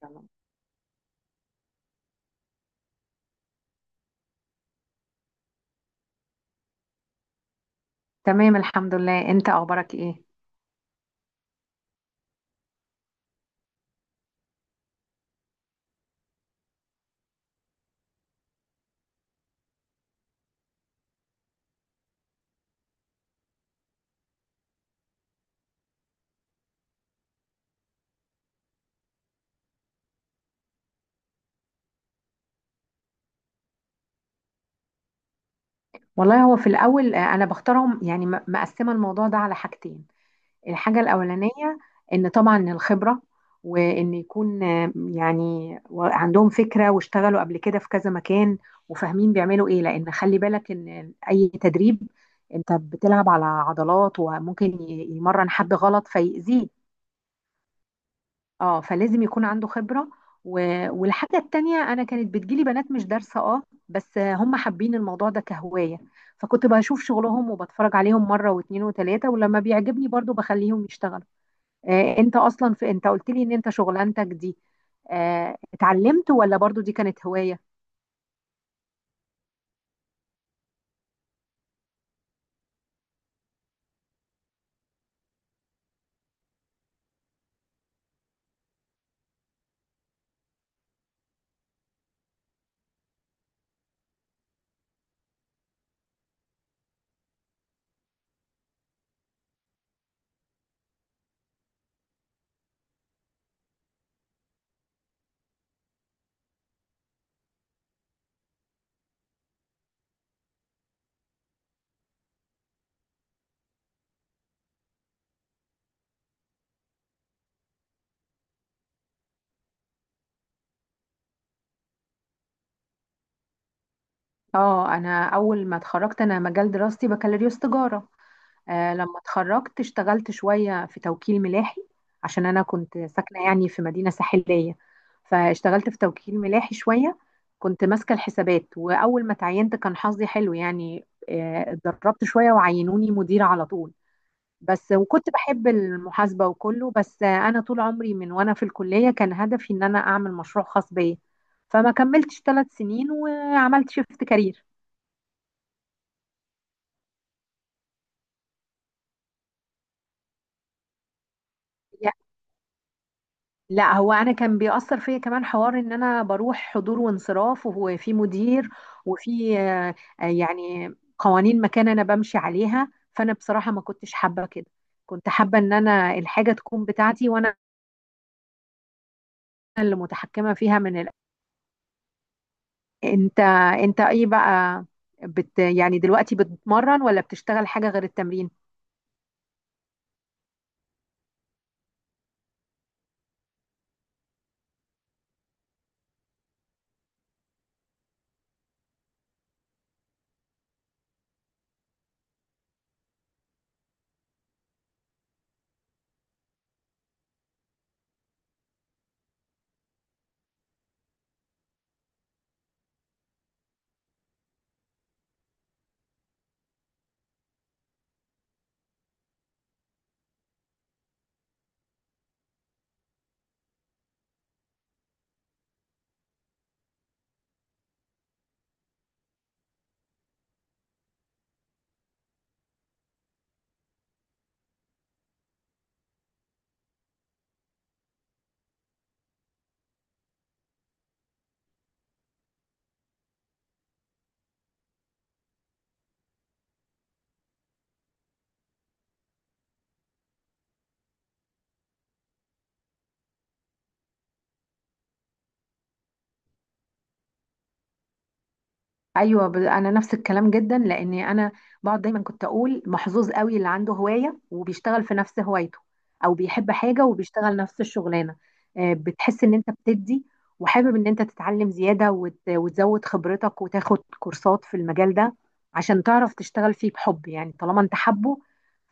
تمام، تمام. الحمد لله، انت اخبارك ايه؟ والله، هو في الاول انا بختارهم يعني مقسمه الموضوع ده على حاجتين. الحاجه الاولانيه ان طبعا الخبره، وان يكون يعني عندهم فكره واشتغلوا قبل كده في كذا مكان، وفاهمين بيعملوا ايه، لان خلي بالك ان اي تدريب انت بتلعب على عضلات وممكن يمرن حد غلط فيأذيه. اه، فلازم يكون عنده خبرة و... والحاجة التانية، أنا كانت بتجيلي بنات مش دارسة، اه، بس هم حابين الموضوع ده كهواية، فكنت بشوف شغلهم وبتفرج عليهم مرة واتنين وتلاتة، ولما بيعجبني برضو بخليهم يشتغلوا. انت أصلا انت قلت لي إن انت شغلانتك دي اتعلمت، ولا برضو دي كانت هواية؟ اه، أنا أول ما اتخرجت، أنا مجال دراستي بكالوريوس تجارة. لما اتخرجت اشتغلت شوية في توكيل ملاحي، عشان أنا كنت ساكنة يعني في مدينة ساحلية. فاشتغلت في توكيل ملاحي شوية، كنت ماسكة الحسابات، وأول ما تعينت كان حظي حلو يعني، اتدربت شوية وعينوني مديرة على طول. بس، وكنت بحب المحاسبة وكله، بس أنا طول عمري من وأنا في الكلية كان هدفي إن أنا أعمل مشروع خاص بيا، فما كملتش 3 سنين وعملت شيفت كارير. لا، هو انا كان بيأثر فيا كمان حوار ان انا بروح حضور وانصراف، وفي مدير، وفي يعني قوانين مكان انا بمشي عليها، فانا بصراحة ما كنتش حابة كده. كنت حابة ان انا الحاجة تكون بتاعتي، وانا اللي متحكمة فيها من الأول. انت انت ايه بقى؟ يعني دلوقتي بتتمرن ولا بتشتغل حاجة غير التمرين؟ ايوه، انا نفس الكلام جدا، لاني انا بقعد دايما كنت اقول محظوظ قوي اللي عنده هوايه وبيشتغل في نفس هوايته، او بيحب حاجه وبيشتغل نفس الشغلانه. بتحس ان انت بتدي وحابب ان انت تتعلم زياده وتزود خبرتك وتاخد كورسات في المجال ده عشان تعرف تشتغل فيه، بحب يعني طالما انت حبه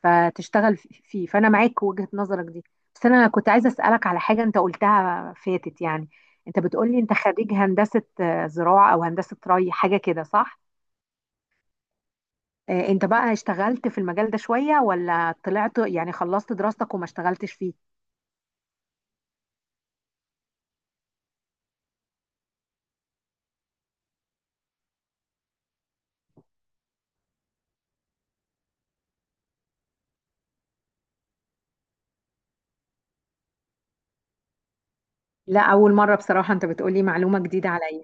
فتشتغل فيه، فانا معاك وجهه نظرك دي. بس انا كنت عايزه اسالك على حاجه انت قلتها فاتت، يعني انت بتقولي انت خريج هندسه زراعة أو هندسة ري حاجة كده، صح؟ أنت بقى اشتغلت في المجال ده شوية ولا طلعت، يعني خلصت دراستك وما اشتغلتش فيه؟ لا، أول مرة بصراحة أنت بتقولي معلومة جديدة عليا.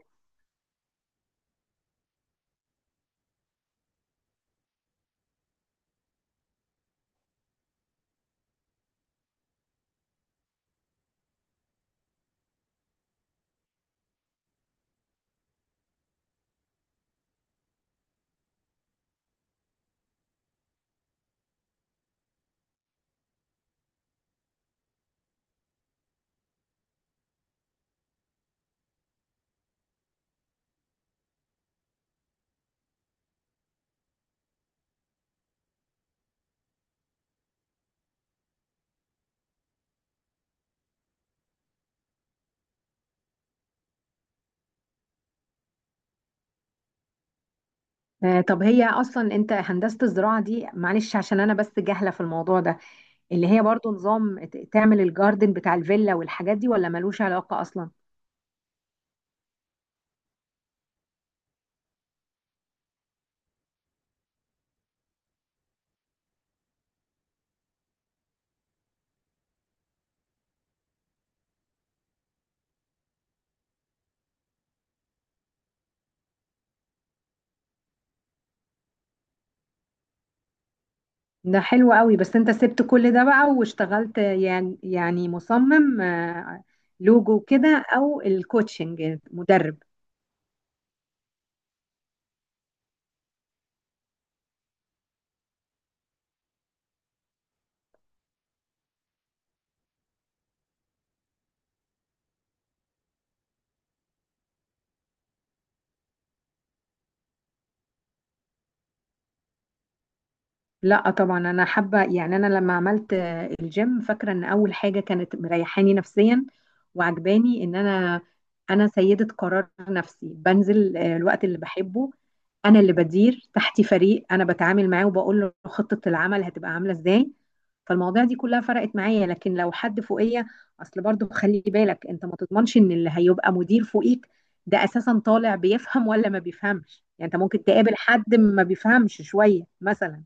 طب هي أصلا أنت هندسة الزراعة دي، معلش عشان أنا بس جاهلة في الموضوع ده، اللي هي برضو نظام تعمل الجاردن بتاع الفيلا والحاجات دي، ولا ملوش علاقة أصلا؟ ده حلو قوي، بس أنت سبت كل ده بقى واشتغلت يعني مصمم لوجو كده، أو الكوتشنج، مدرب؟ لا طبعا انا حابه، يعني انا لما عملت الجيم فاكره ان اول حاجه كانت مريحاني نفسيا، وعجباني ان انا سيده قرار نفسي، بنزل الوقت اللي بحبه. انا اللي بدير تحتي فريق، انا بتعامل معاه وبقول له خطه العمل هتبقى عامله ازاي، فالمواضيع دي كلها فرقت معايا. لكن لو حد فوقيه، اصل برضو خلي بالك انت ما تضمنش ان اللي هيبقى مدير فوقيك ده اساسا طالع بيفهم ولا ما بيفهمش، يعني انت ممكن تقابل حد ما بيفهمش شويه مثلا.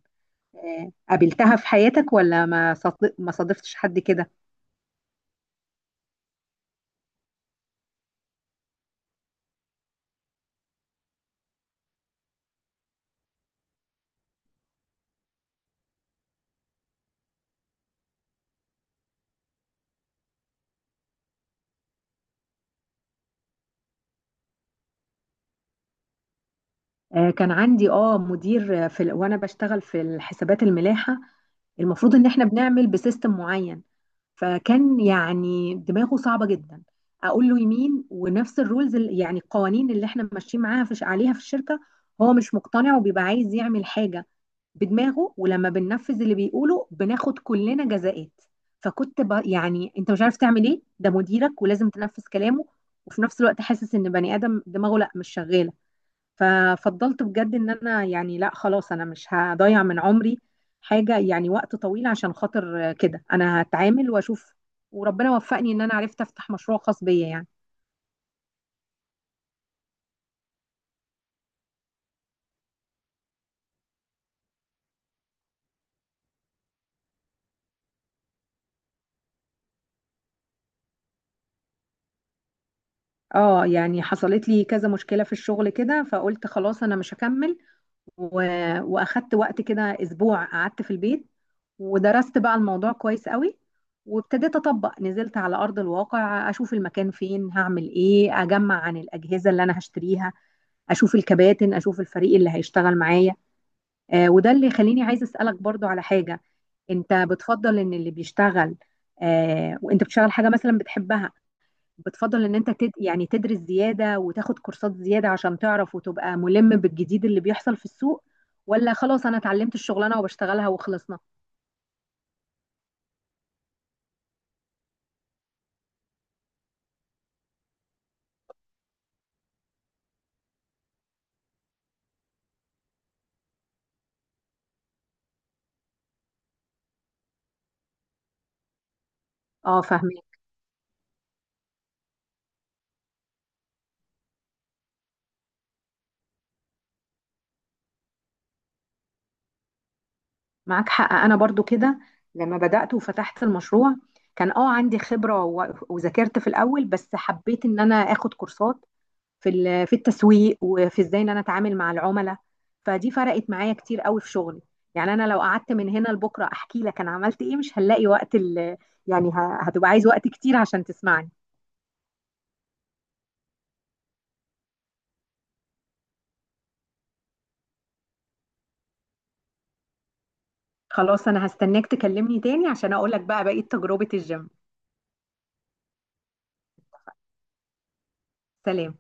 قابلتها في حياتك ولا ما صادفتش حد كده؟ كان عندي مدير في وانا بشتغل في الحسابات الملاحه، المفروض ان احنا بنعمل بسيستم معين. فكان يعني دماغه صعبه جدا، اقول له يمين، ونفس الرولز، يعني القوانين اللي احنا ماشيين معاها عليها في الشركه، هو مش مقتنع وبيبقى عايز يعمل حاجه بدماغه، ولما بننفذ اللي بيقوله بناخد كلنا جزاءات. فكنت يعني انت مش عارف تعمل ايه، ده مديرك ولازم تنفذ كلامه، وفي نفس الوقت حاسس ان بني ادم دماغه لا، مش شغاله. ففضلت بجد ان انا يعني، لا خلاص، انا مش هضيع من عمري حاجه، يعني وقت طويل عشان خاطر كده انا هتعامل واشوف. وربنا وفقني ان انا عرفت افتح مشروع خاص بيا يعني. اه، يعني حصلت لي كذا مشكله في الشغل كده، فقلت خلاص انا مش هكمل و... واخدت وقت كده، اسبوع قعدت في البيت، ودرست بقى الموضوع كويس قوي، وابتديت اطبق، نزلت على ارض الواقع اشوف المكان فين، هعمل ايه، اجمع عن الاجهزه اللي انا هشتريها، اشوف الكباتن، اشوف الفريق اللي هيشتغل معايا. وده اللي يخليني عايز اسالك برضو على حاجه. انت بتفضل ان اللي بيشتغل، وانت بتشتغل حاجه مثلا بتحبها، بتفضل ان انت يعني تدرس زيادة وتاخد كورسات زيادة عشان تعرف وتبقى ملم بالجديد اللي بيحصل في السوق؟ ولا خلاص انا اتعلمت الشغلانة وبشتغلها وخلصنا؟ اه، فاهمين. معاك حق، انا برضو كده. لما بدأت وفتحت المشروع، كان عندي خبرة وذاكرت في الاول، بس حبيت ان انا اخد كورسات في التسويق، وفي ازاي ان انا اتعامل مع العملاء، فدي فرقت معايا كتير قوي في شغلي. يعني انا لو قعدت من هنا لبكره احكي لك انا عملت ايه مش هنلاقي وقت، يعني هتبقى عايز وقت كتير عشان تسمعني. خلاص، انا هستناك تكلمني تاني عشان اقول لك بقى بقية تجربة الجيم. سلام.